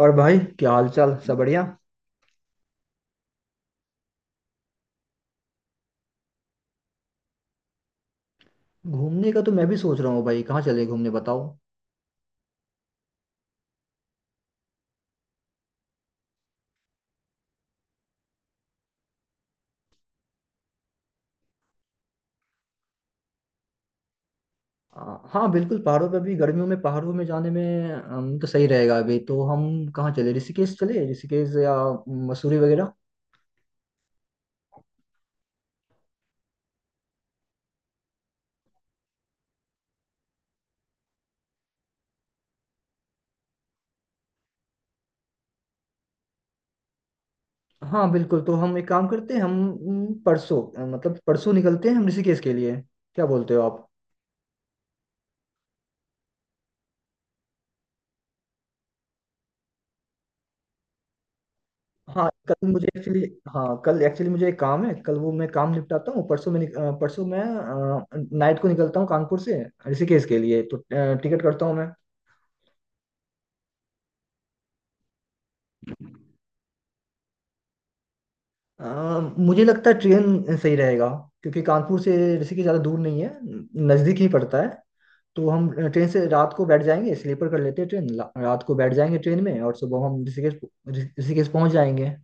और भाई, क्या हाल चाल? सब बढ़िया। घूमने का तो मैं भी सोच रहा हूँ भाई। कहाँ चले घूमने बताओ। हाँ बिल्कुल, पहाड़ों पे भी गर्मियों में पहाड़ों में जाने में तो सही रहेगा। अभी तो हम कहाँ चले? ऋषिकेश चले, ऋषिकेश या मसूरी वगैरह। हाँ बिल्कुल। तो हम एक काम करते हैं, हम मतलब परसों निकलते हैं हम ऋषिकेश के लिए। क्या बोलते हो आप? हाँ कल मुझे एक्चुअली हाँ कल एक्चुअली मुझे एक काम है, कल वो मैं काम निपटाता हूँ। परसों मैं परसों मैं नाइट को निकलता हूँ कानपुर से ऋषिकेश के लिए। तो टिकट करता हूँ मैं। अ, मुझे लगता है ट्रेन सही रहेगा, क्योंकि कानपुर से ऋषिकेश ज़्यादा दूर नहीं है, नज़दीक ही पड़ता है। तो हम ट्रेन से रात को बैठ जाएंगे, स्लीपर कर लेते हैं। ट्रेन रात को बैठ जाएंगे ट्रेन में और सुबह हम ऋषिकेश ऋषिकेश पहुंच जाएंगे।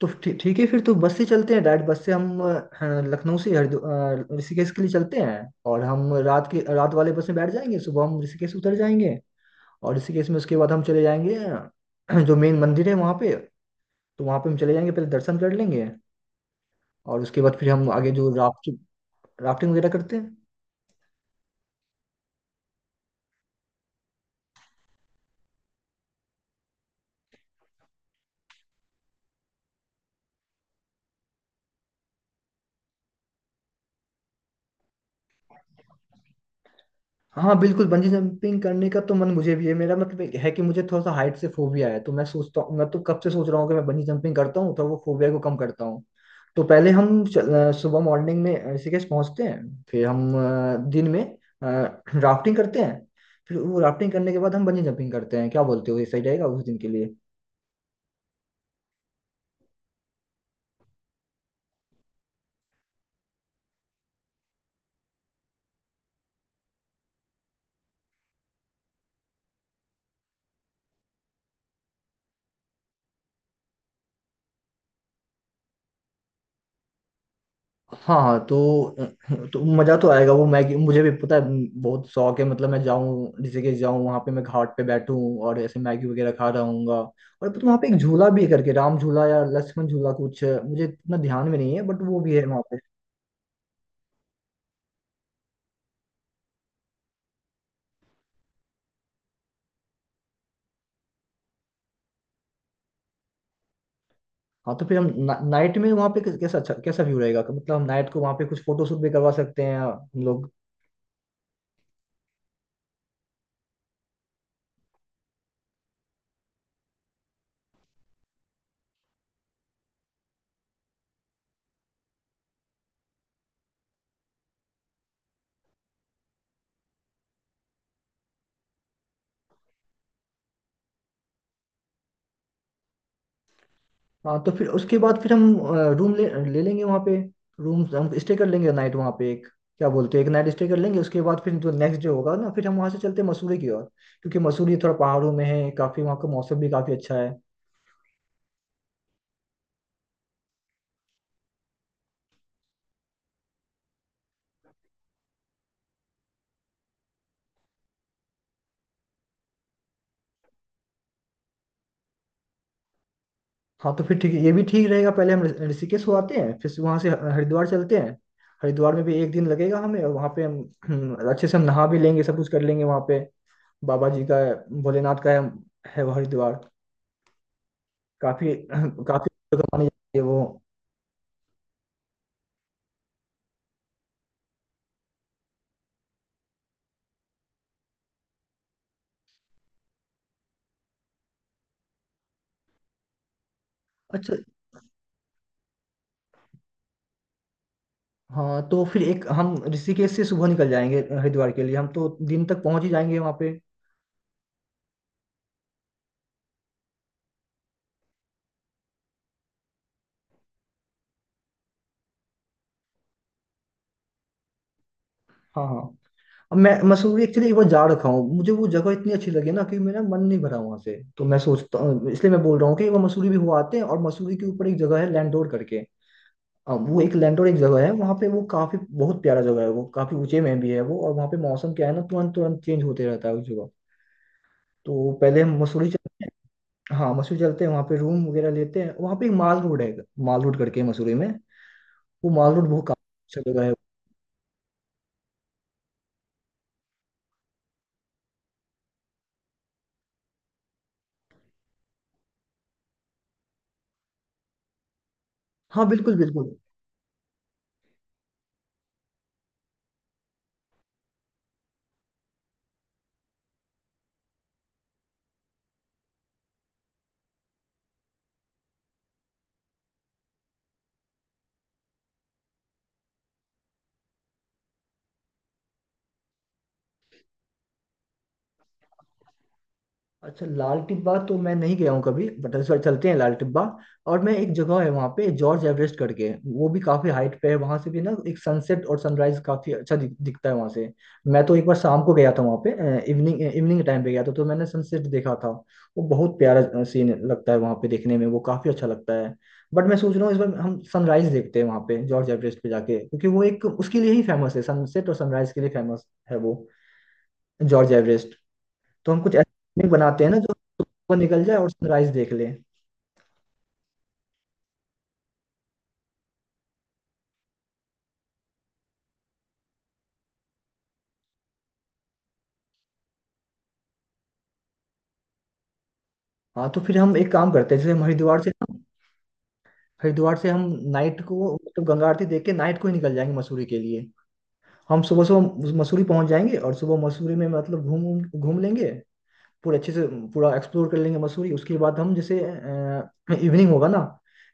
तो ठीक है, फिर तो बस से चलते हैं। डायरेक्ट बस से हम लखनऊ से ऋषिकेश के लिए चलते हैं। और हम रात के, रात वाले बस में बैठ जाएंगे, सुबह हम ऋषिकेश उतर जाएंगे। और ऋषिकेश में उसके बाद हम चले जाएंगे जो मेन मंदिर है वहाँ पे, तो वहाँ पे हम चले जाएंगे, पहले दर्शन कर लेंगे। और उसके बाद फिर हम आगे जो राफ्टिंग राफ्टिंग वगैरह करते हैं। हाँ बिल्कुल, बंजी जंपिंग करने का तो मन मुझे भी है। मेरा मतलब ये है कि मुझे थोड़ा सा हाइट से फोबिया है, तो मैं सोचता हूँ, मैं तो कब से सोच रहा हूँ कि मैं बंजी जंपिंग करता हूँ तो वो फोबिया को कम करता हूँ। तो पहले हम सुबह मॉर्निंग में ऋषिकेश पहुंचते हैं, फिर हम दिन में राफ्टिंग करते हैं। फिर वो राफ्टिंग करने के बाद हम बंजी जंपिंग करते हैं। क्या बोलते हो, ये सही रहेगा उस दिन के लिए? हाँ हाँ, तो मजा तो आएगा। वो मैगी मुझे भी पता है, बहुत शौक है। मतलब मैं जाऊँ, जैसे कि जाऊँ वहाँ पे, मैं घाट पे बैठूँ और ऐसे मैगी वगैरह खा रहा हूँगा। और पता, वहाँ पे एक झूला भी है करके, राम झूला या लक्ष्मण झूला, कुछ मुझे इतना ध्यान में नहीं है, बट वो भी है वहाँ पे। हाँ तो फिर हम ना, नाइट में वहाँ पे कैसा अच्छा, कैसा व्यू रहेगा। मतलब हम नाइट को वहाँ पे कुछ फोटो शूट भी करवा सकते हैं हम लोग। हाँ तो फिर उसके बाद फिर हम रूम ले ले लेंगे वहाँ पे, रूम हम स्टे कर लेंगे नाइट वहाँ पे, एक क्या बोलते हैं, एक नाइट स्टे कर लेंगे। उसके बाद फिर जो नेक्स्ट डे होगा ना, फिर हम वहाँ से चलते हैं मसूरी की ओर, क्योंकि मसूरी थोड़ा पहाड़ों में है, काफ़ी वहाँ का मौसम भी काफ़ी अच्छा है। हाँ तो फिर ठीक है, ये भी ठीक रहेगा। पहले हम ऋषिकेश हो आते हैं, फिर वहाँ से हरिद्वार चलते हैं। हरिद्वार में भी एक दिन लगेगा हमें, और वहाँ पे हम अच्छे से हम नहा भी लेंगे, सब कुछ कर लेंगे वहाँ पे। बाबा जी का, भोलेनाथ का है वो हरिद्वार, काफ़ी काफ़ी जगह मानी जाती है वो। अच्छा। हाँ तो फिर एक, हम ऋषिकेश से सुबह निकल जाएंगे हरिद्वार के लिए, हम तो दिन तक पहुंच ही जाएंगे वहाँ पे। हाँ हाँ। अब मैं मसूरी एक्चुअली एक बार जा रखा हूँ, मुझे वो जगह इतनी अच्छी लगी ना कि मेरा मन नहीं भरा वहाँ से। तो मैं सोचता हूँ, इसलिए मैं बोल रहा हूँ कि एक बार मसूरी भी हुआ आते हैं, और मसूरी के ऊपर एक जगह है लैंडोर करके। अब वो एक लैंडोर एक जगह है वहाँ पे, वो काफी बहुत प्यारा जगह है वो, काफी ऊंचे में भी है वो। और वहाँ पे मौसम क्या है ना, तुरंत तुरंत चेंज होते रहता है उस जगह। तो पहले हम मसूरी चलते हैं। हाँ मसूरी चलते हैं, वहाँ पे रूम वगैरह लेते हैं। वहाँ पे एक माल रोड है, माल रोड करके है मसूरी में। वो माल रोड बहुत काफी अच्छा जगह है। हाँ बिल्कुल बिल्कुल। अच्छा, लाल टिब्बा तो मैं नहीं गया हूँ कभी, बट इस बार चलते हैं लाल टिब्बा। और मैं, एक जगह है वहाँ पे जॉर्ज एवरेस्ट करके, वो भी काफी हाइट पे है। वहां से भी ना एक सनसेट और सनराइज काफी अच्छा दिखता है वहां से। मैं तो एक बार शाम को गया था वहाँ पे, इवनिंग, इवनिंग के टाइम पे गया था, तो मैंने सनसेट देखा था। वो बहुत प्यारा सीन लगता है वहाँ पे देखने में, वो काफी अच्छा लगता है। बट मैं सोच रहा हूँ इस बार हम सनराइज देखते हैं वहाँ पे जॉर्ज एवरेस्ट पे जाके, क्योंकि वो एक उसके लिए ही फेमस है, सनसेट और सनराइज के लिए फेमस है वो, जॉर्ज एवरेस्ट। तो हम कुछ ऐसा picnic बनाते हैं ना, जो सुबह निकल जाए और सनराइज देख ले। हाँ तो फिर हम एक काम करते हैं, जैसे हम हरिद्वार से ना, हरिद्वार से हम नाइट को मतलब गंगा आरती देख के नाइट को ही निकल जाएंगे मसूरी के लिए। हम सुबह सुबह मसूरी पहुंच जाएंगे, और सुबह मसूरी में मतलब घूम घूम घूम लेंगे पूरे अच्छे से, पूरा एक्सप्लोर कर लेंगे मसूरी। उसके बाद हम जैसे इवनिंग होगा ना,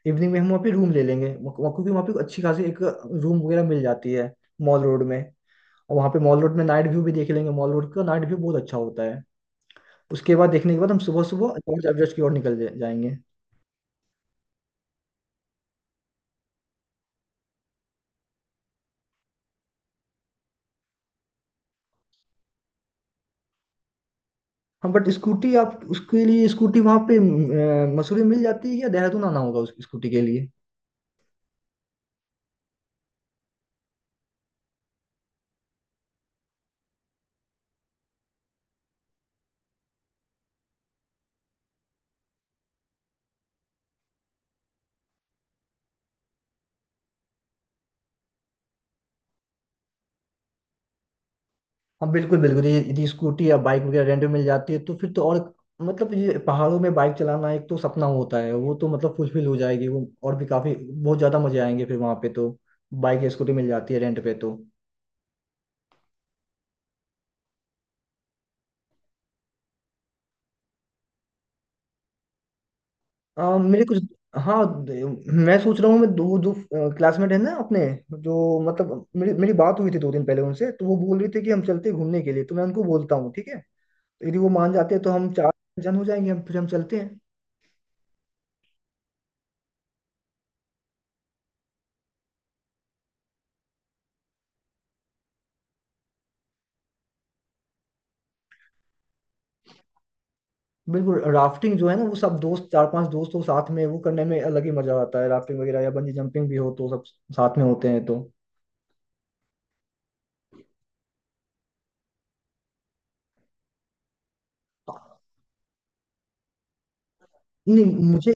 इवनिंग में हम वहाँ पे रूम ले लेंगे वहाँ- वहाँ- क्योंकि वहाँ पे अच्छी खासी एक रूम वगैरह मिल जाती है मॉल रोड में। और वहाँ पे मॉल रोड में नाइट व्यू भी देख लेंगे, मॉल रोड का नाइट व्यू बहुत अच्छा होता है। उसके बाद, देखने के बाद हम सुबह सुबह लॉर्ड एवरेस्ट की ओर निकल जाएंगे। हम, बट स्कूटी आप, उसके लिए स्कूटी वहां पे मसूरी में मिल जाती है या देहरादून आना होगा उस स्कूटी के लिए? हम बिल्कुल बिल्कुल, यदि स्कूटी या बाइक वगैरह रेंट में मिल जाती है तो फिर तो और, मतलब ये पहाड़ों में बाइक चलाना एक तो सपना होता है, वो तो मतलब फुलफिल हो जाएगी वो। और भी काफी बहुत ज्यादा मजे आएंगे फिर वहां पे, तो बाइक या स्कूटी मिल जाती है रेंट पे तो। मेरे कुछ, हाँ, द- मैं सोच रहा हूँ, मैं दो दो क्लासमेट है ना अपने, जो मतलब मेरी मेरी बात हुई थी 2 दिन पहले उनसे, तो वो बोल रहे थे कि हम चलते हैं घूमने के लिए, तो मैं उनको बोलता हूँ ठीक है। तो यदि वो मान जाते हैं तो हम 4 जन हो जाएंगे, हम फिर हम चलते हैं। बिल्कुल, राफ्टिंग जो है ना, वो सब दोस्त, 4-5 दोस्त हो साथ में, वो करने में अलग ही मजा आता है। राफ्टिंग वगैरह या बंजी जंपिंग भी हो तो सब साथ में होते हैं तो। नहीं, मुझे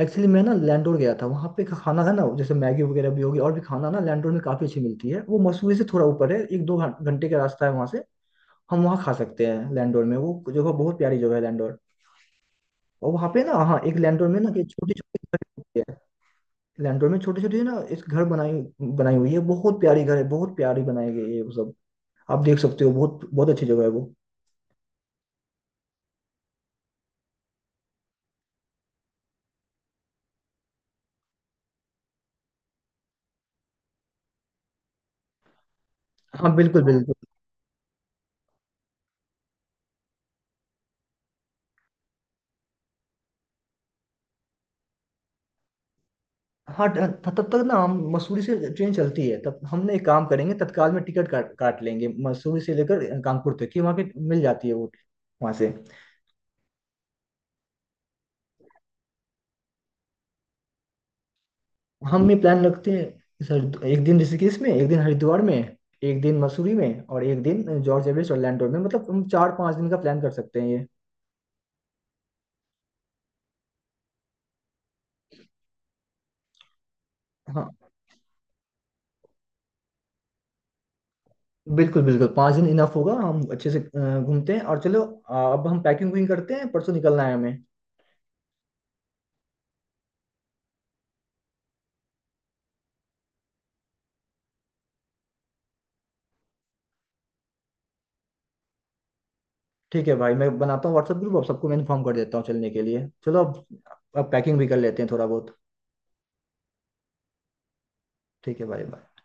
एक्चुअली, मैं ना लैंडोर गया था, वहां पे का खाना है ना, जैसे मैगी वगैरह भी होगी, और भी खाना ना लैंडोर में काफी अच्छी मिलती है। वो मसूरी से थोड़ा ऊपर है, एक दो घंटे का रास्ता है वहां से। हम वहाँ खा सकते हैं लैंडोर में, वो जगह बहुत प्यारी जगह है लैंडोर। और वहाँ पे ना, हाँ, एक लैंडोर में ना, ये छोटी छोटी है। लैंडोर में छोटी छोटी ना, एक घर बनाई, बनाई हुई है, बहुत प्यारी घर है, बहुत प्यारी बनाई गई है वो सब। आप देख सकते हो, बहुत बहुत अच्छी जगह है वो। हाँ बिल्कुल बिल्कुल। हाँ तब तक ना, हम मसूरी से ट्रेन चलती है तब, हमने एक काम करेंगे, तत्काल में टिकट काट काट लेंगे मसूरी से लेकर कानपुर तक की। वहाँ पे मिल जाती है वो, वहाँ से। हम ये प्लान रखते हैं सर, एक दिन ऋषिकेश में, एक दिन हरिद्वार में, एक दिन मसूरी में, और एक दिन जॉर्ज एवरेस्ट ऑरलैंडो में। मतलब हम 4-5 दिन का प्लान कर सकते हैं ये। हाँ बिल्कुल बिल्कुल, 5 दिन इनफ होगा, हम अच्छे से घूमते हैं। और चलो अब हम पैकिंग वैकिंग करते हैं, परसों निकलना है हमें। ठीक है भाई, मैं बनाता हूँ व्हाट्सएप ग्रुप, अब सबको मैं इन्फॉर्म कर देता हूँ चलने के लिए। चलो अब पैकिंग भी कर लेते हैं थोड़ा बहुत। ठीक है भाई बाय।